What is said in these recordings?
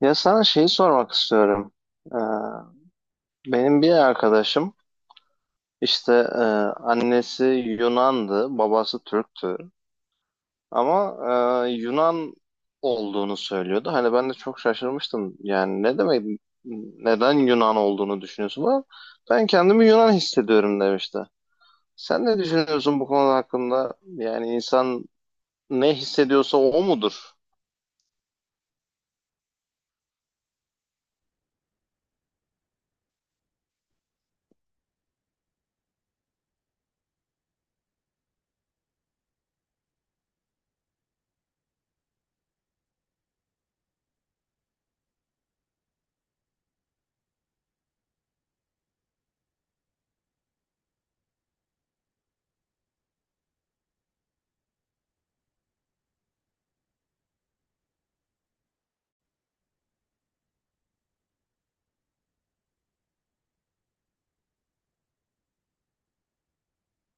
Ya sana şeyi sormak istiyorum. Ee, Benim bir arkadaşım işte e, annesi Yunan'dı, babası Türk'tü. Ama Yunan olduğunu söylüyordu. Hani ben de çok şaşırmıştım. Yani ne demek, neden Yunan olduğunu düşünüyorsun? Ama ben kendimi Yunan hissediyorum demişti. Sen ne düşünüyorsun bu konuda hakkında? Yani insan ne hissediyorsa o mudur?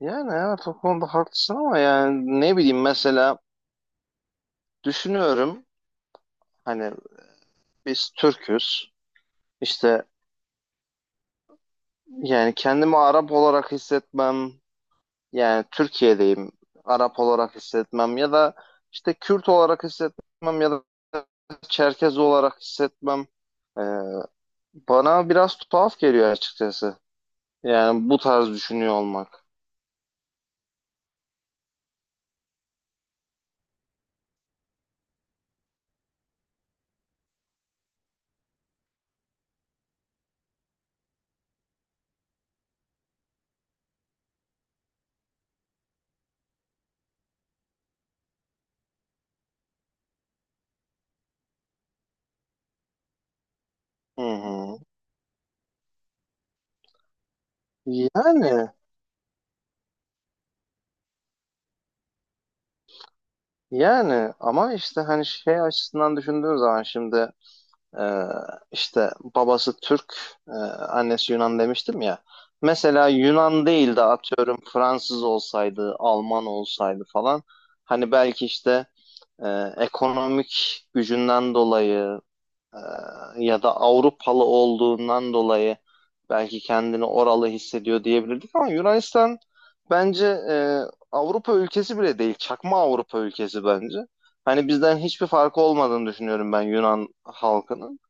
Yani evet, o konuda haklısın ama yani ne bileyim, mesela düşünüyorum. Hani biz Türk'üz. İşte yani kendimi Arap olarak hissetmem, yani Türkiye'deyim, Arap olarak hissetmem ya da işte Kürt olarak hissetmem ya da Çerkez olarak hissetmem e, bana biraz tuhaf geliyor açıkçası. Yani bu tarz düşünüyor olmak. Hı hı. Yani yani ama işte hani şey açısından düşündüğün zaman şimdi Ee, işte babası Türk, e, annesi Yunan demiştim ya. Mesela Yunan değil de atıyorum Fransız olsaydı, Alman olsaydı falan. Hani belki işte ekonomik gücünden dolayı e, ya da Avrupalı olduğundan dolayı belki kendini oralı hissediyor diyebilirdik. Ama Yunanistan bence Avrupa ülkesi bile değil, çakma Avrupa ülkesi bence. Hani bizden hiçbir farkı olmadığını düşünüyorum ben Yunan halkının.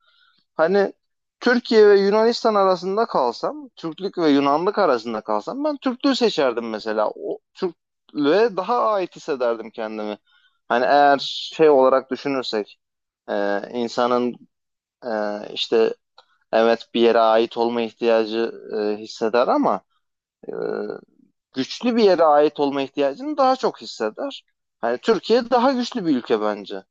Hani Türkiye ve Yunanistan arasında kalsam, Türklük ve Yunanlık arasında kalsam ben Türklüğü seçerdim mesela. O Türklüğe daha ait hissederdim kendimi. Hani eğer şey olarak düşünürsek, insanın e, işte evet, bir yere ait olma ihtiyacı hisseder ama e, güçlü bir yere ait olma ihtiyacını daha çok hisseder. Hani Türkiye daha güçlü bir ülke bence.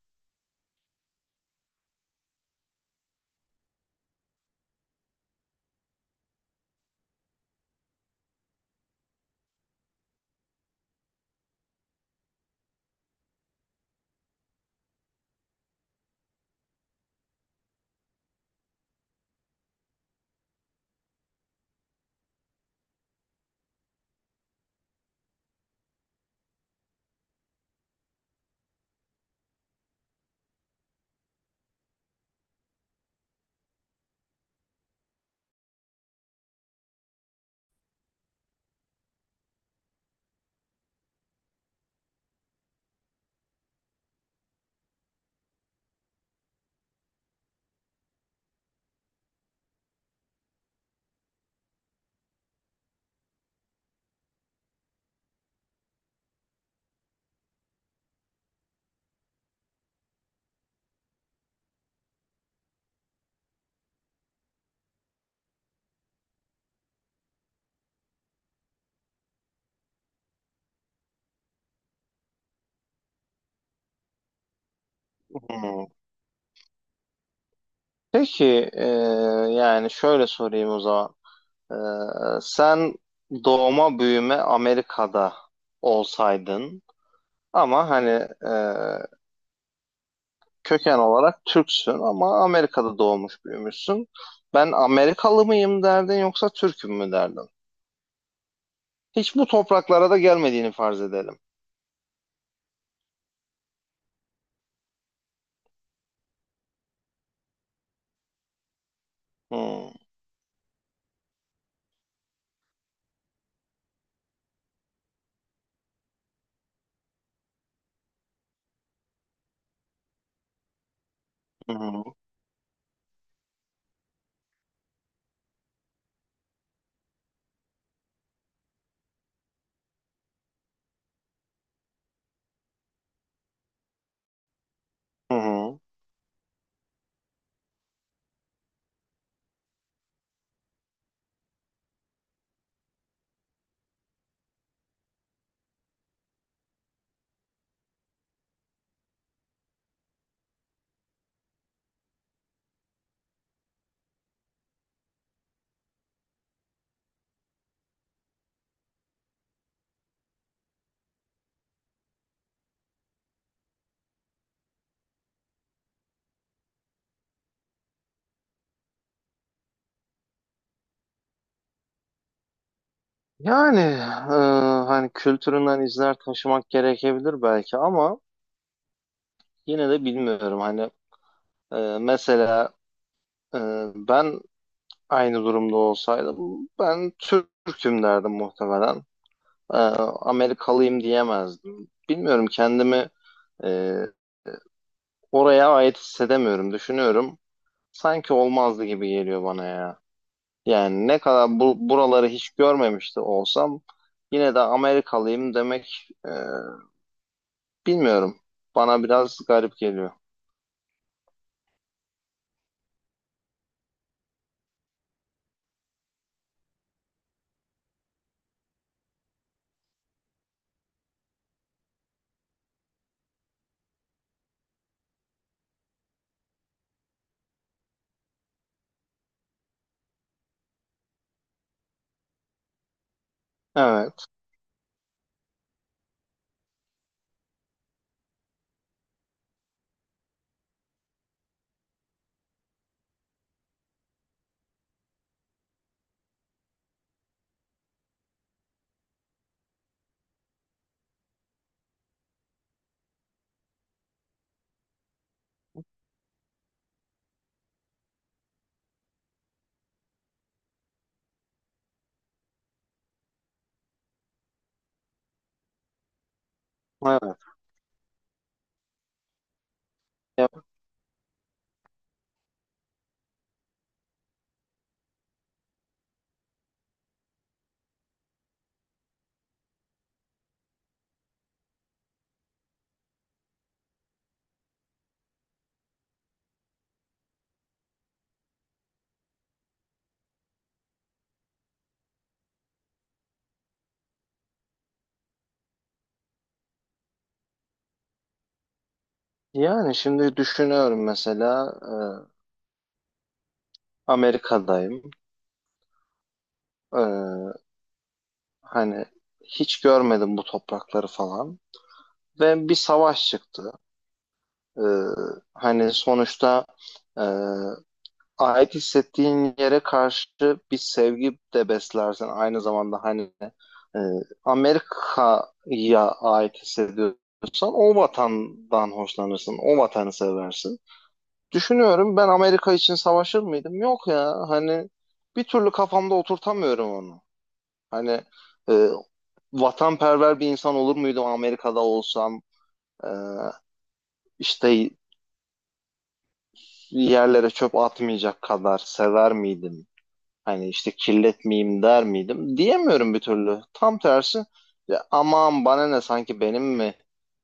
Hmm. Peki yani şöyle sorayım o zaman. Ee, Sen doğma büyüme Amerika'da olsaydın, ama hani e, köken olarak Türksün ama Amerika'da doğmuş büyümüşsün. Ben Amerikalı mıyım derdin yoksa Türk'üm mü derdin? Hiç bu topraklara da gelmediğini farz edelim. Hmm, hı hı, hı hı. Yani hani kültüründen izler taşımak gerekebilir belki ama yine de bilmiyorum. Hani e, mesela e, ben aynı durumda olsaydım ben Türk'üm derdim muhtemelen. Amerikalıyım diyemezdim. Bilmiyorum, kendimi e, oraya ait hissedemiyorum. Düşünüyorum. Sanki olmazdı gibi geliyor bana ya. Yani ne kadar buraları hiç görmemişti olsam yine de Amerikalıyım demek bilmiyorum. Bana biraz garip geliyor. Evet, evet. Ya- Yani şimdi düşünüyorum, mesela Amerika'dayım. E, hani hiç görmedim bu toprakları falan. Ve bir savaş çıktı. Ee, hani sonuçta e, ait hissettiğin yere karşı bir sevgi de beslersin. Aynı zamanda hani e, Amerika'ya ait hissediyorsan o vatandan hoşlanırsın. O vatanı seversin. Düşünüyorum, ben Amerika için savaşır mıydım? Yok ya, hani bir türlü kafamda oturtamıyorum onu. Hani e, vatanperver bir insan olur muydum Amerika'da olsam? Ee, işte yerlere çöp atmayacak kadar sever miydim? Hani işte kirletmeyeyim der miydim? Diyemiyorum bir türlü. Tam tersi, ya aman bana ne, sanki benim mi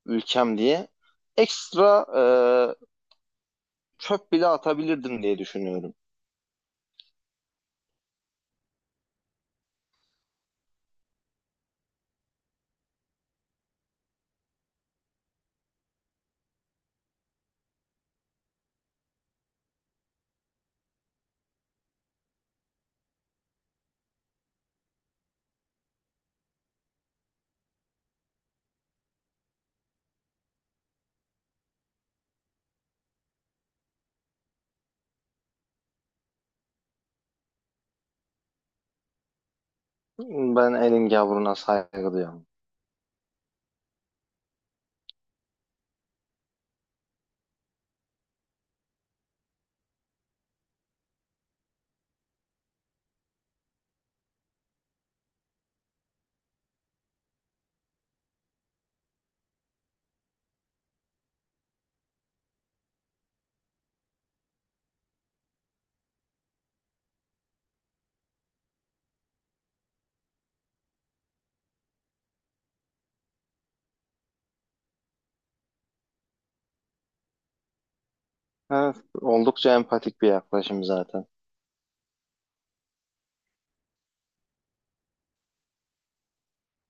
ülkem diye ekstra çöp bile atabilirdim diye düşünüyorum. Ben elin gavruna saygı duyuyorum. Evet, oldukça empatik bir yaklaşım zaten.